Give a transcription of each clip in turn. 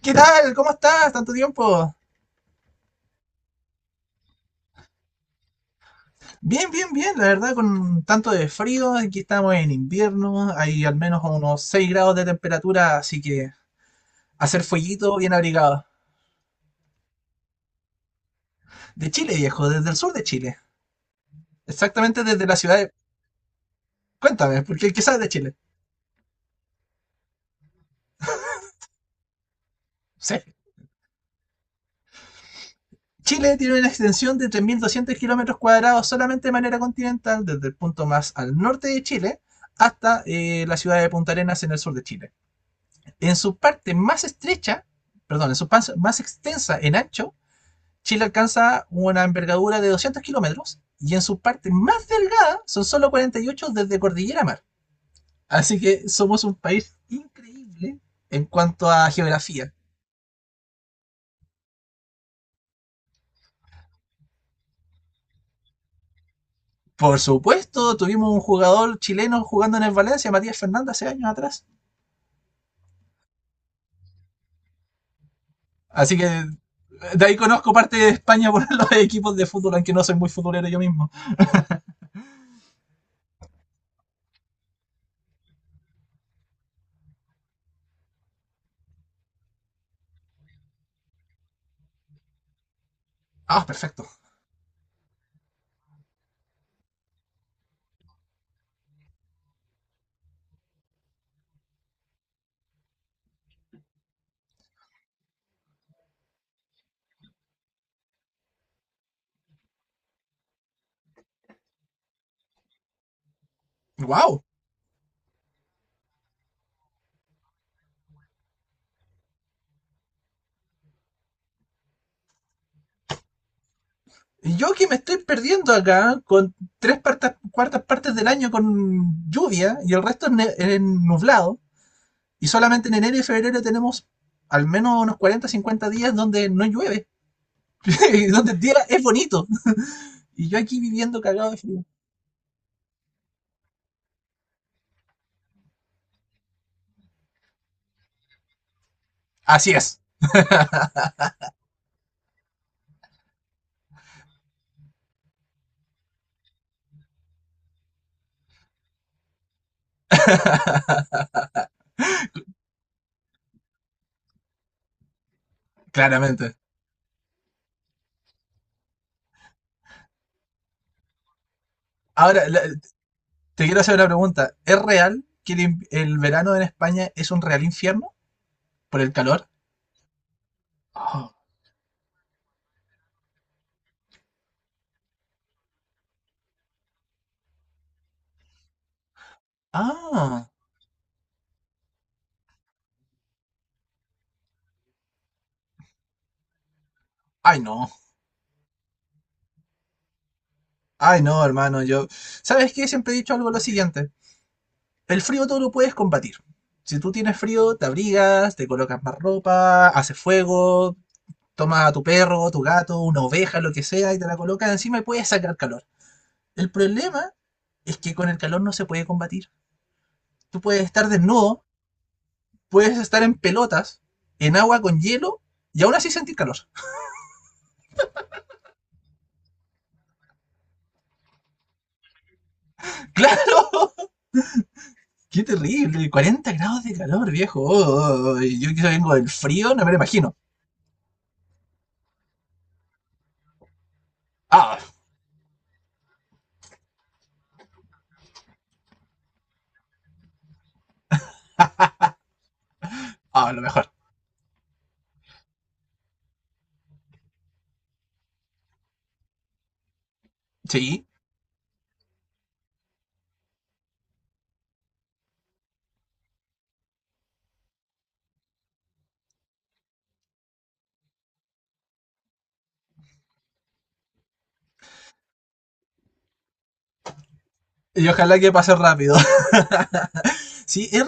¿Qué tal? ¿Cómo estás? ¿Tanto tiempo? Bien, la verdad, con tanto de frío, aquí estamos en invierno, hay al menos unos 6 grados de temperatura, así que hacer fueguito bien abrigado. De Chile, viejo, desde el sur de Chile, exactamente desde la ciudad de... Cuéntame, porque el que sabe de Chile. Sí. Chile tiene una extensión de 3.200 kilómetros cuadrados solamente de manera continental, desde el punto más al norte de Chile hasta la ciudad de Punta Arenas en el sur de Chile. En su parte más estrecha, en su parte más extensa en ancho, Chile alcanza una envergadura de 200 kilómetros y en su parte más delgada son solo 48 desde Cordillera Mar. Así que somos un país increíble en cuanto a geografía. Por supuesto, tuvimos un jugador chileno jugando en el Valencia, Matías Fernández, hace años atrás. Así que de ahí conozco parte de España por los equipos de fútbol, aunque no soy muy futbolero yo mismo. Ah, perfecto. ¡Wow! Y yo que me estoy perdiendo acá con cuartas partes del año con lluvia y el resto es es nublado. Y solamente en enero y febrero tenemos al menos unos 40 50 días donde no llueve, y donde el día es bonito. Y yo aquí viviendo cagado de frío. Así es, claramente. Ahora, te quiero hacer una pregunta. ¿Es real que el verano en España es un real infierno por el calor? Ah, ah. Ay no, ay no, hermano, yo... ¿Sabes qué? Siempre he dicho algo lo siguiente. El frío todo lo puedes combatir. Si tú tienes frío, te abrigas, te colocas más ropa, haces fuego, tomas a tu perro, tu gato, una oveja, lo que sea, y te la colocas encima y puedes sacar calor. El problema es que con el calor no se puede combatir. Tú puedes estar desnudo, puedes estar en pelotas, en agua con hielo, y aún así sentir calor. ¡Claro! ¡Qué terrible! 40 grados de calor, viejo. Oh, oh, oh. Oh. Yo que vengo del frío, no me lo imagino. Ah, ah, lo mejor. Sí. Y ojalá que pase rápido. Sí, es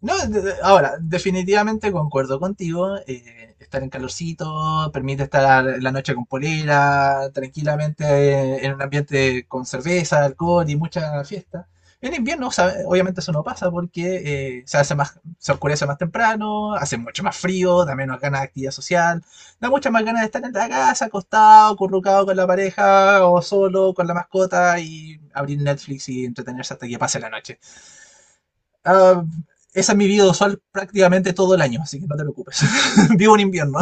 no, ahora, definitivamente concuerdo contigo. Estar en calorcito permite estar la noche con polera, tranquilamente en un ambiente con cerveza, alcohol y mucha fiesta. En invierno, obviamente eso no pasa porque se hace más, se oscurece más temprano, hace mucho más frío, da menos ganas de actividad social, da muchas más ganas de estar en la casa, acostado, currucado con la pareja o solo con la mascota y abrir Netflix y entretenerse hasta que pase la noche. Ah, esa es mi vida sol prácticamente todo el año, así que no te preocupes. Vivo en invierno.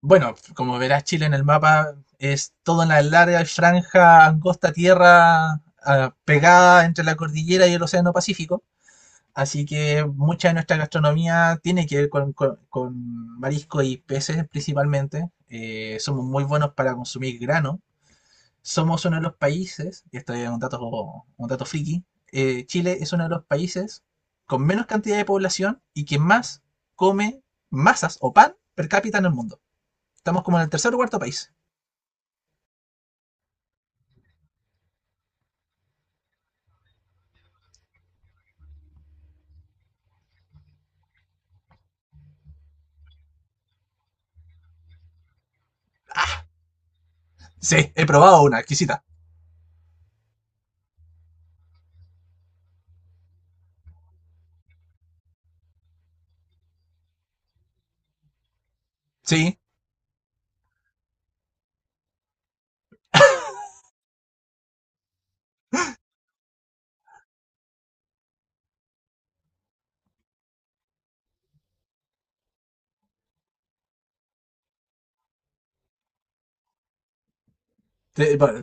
Bueno, como verás, Chile en el mapa es toda una larga franja angosta tierra ah, pegada entre la cordillera y el Océano Pacífico. Así que mucha de nuestra gastronomía tiene que ver con marisco y peces principalmente. Somos muy buenos para consumir grano, somos uno de los países, y esto es un dato friki, Chile es uno de los países con menos cantidad de población y que más come masas o pan per cápita en el mundo. Estamos como en el tercer o cuarto país. Sí, he probado una exquisita. Sí. Bueno,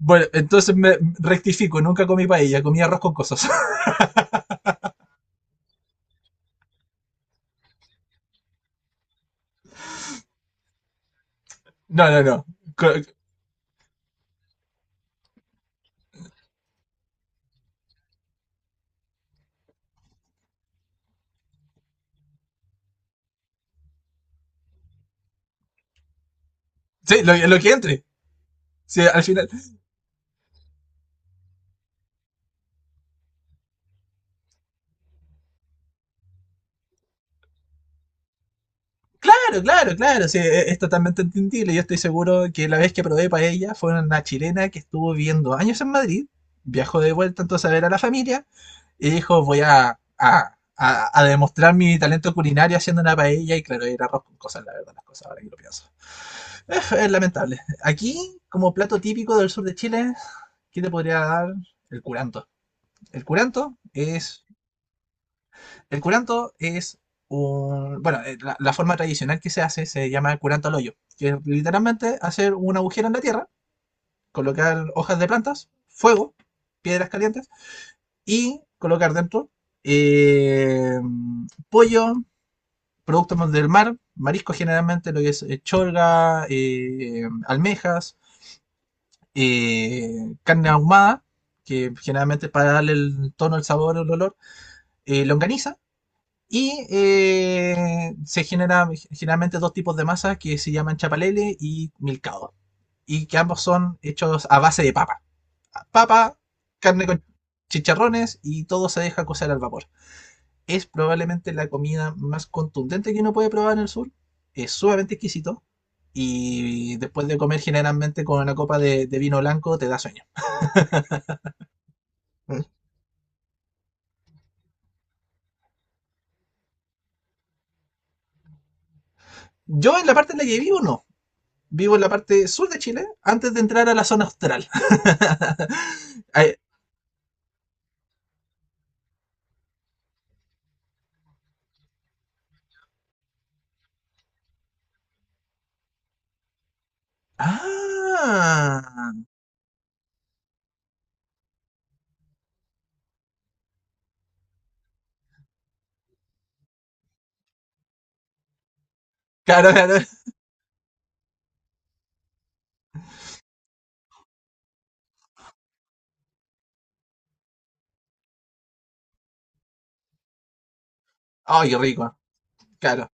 bueno, entonces me rectifico, nunca comí paella, comí arroz con cosas. No, no, no. Co- Sí, lo que entre. Sí, al final, claro, claro, sí, es totalmente entendible. Yo estoy seguro que la vez que probé paella fue una chilena que estuvo viviendo años en Madrid, viajó de vuelta entonces a ver a la familia y dijo, voy a, a demostrar mi talento culinario haciendo una paella y claro, era arroz con cosas, la verdad, las cosas ahora que lo pienso. Es lamentable. Aquí, como plato típico del sur de Chile, ¿qué te podría dar? El curanto. El curanto es el curanto es un... Bueno, la forma tradicional que se hace se llama curanto al hoyo, que es literalmente hacer un agujero en la tierra, colocar hojas de plantas, fuego, piedras calientes y colocar dentro eh, pollo, productos del mar, marisco generalmente, lo que es cholga, almejas, carne ahumada, que generalmente para darle el tono, el sabor, el olor, longaniza, y se generan generalmente dos tipos de masa que se llaman chapalele y milcao. Y que ambos son hechos a base de papa. Papa, carne con chicharrones y todo se deja cocer al vapor. Es probablemente la comida más contundente que uno puede probar en el sur. Es sumamente exquisito. Y después de comer generalmente con una copa de vino blanco te da sueño. ¿Mm? Yo en la parte en la que vivo no. Vivo en la parte sur de Chile antes de entrar a la zona austral. Ah, claro, claro. Ay, qué rico. Claro,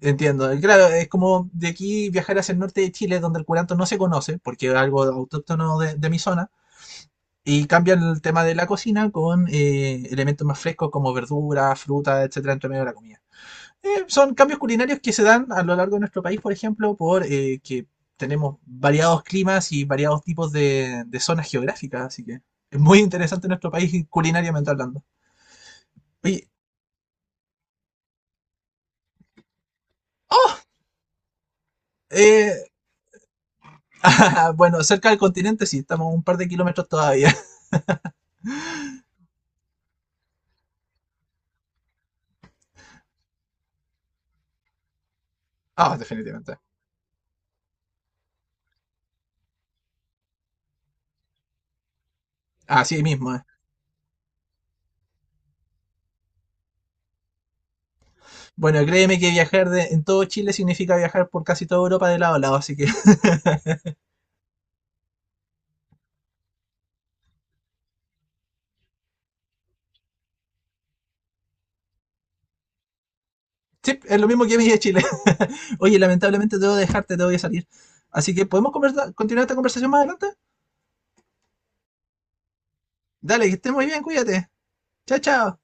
entiendo. Y claro, es como de aquí viajar hacia el norte de Chile, donde el curanto no se conoce, porque es algo autóctono de mi zona, y cambian el tema de la cocina con elementos más frescos como verduras, frutas, etcétera, entre medio de la comida. Son cambios culinarios que se dan a lo largo de nuestro país, por ejemplo, por que tenemos variados climas y variados tipos de zonas geográficas, así que es muy interesante nuestro país culinariamente hablando. Oye, ¡oh! Eh, bueno, cerca del continente sí, estamos un par de kilómetros todavía. Ah, definitivamente. Así mismo. Eh. Bueno, créeme que viajar en todo Chile significa viajar por casi toda Europa de lado a lado, así que sí, es lo mismo que mí de Chile. Oye, lamentablemente debo dejarte, tengo que salir. Así que, ¿podemos continuar esta conversación más adelante? Dale, que estés muy bien, cuídate. Chao, chao.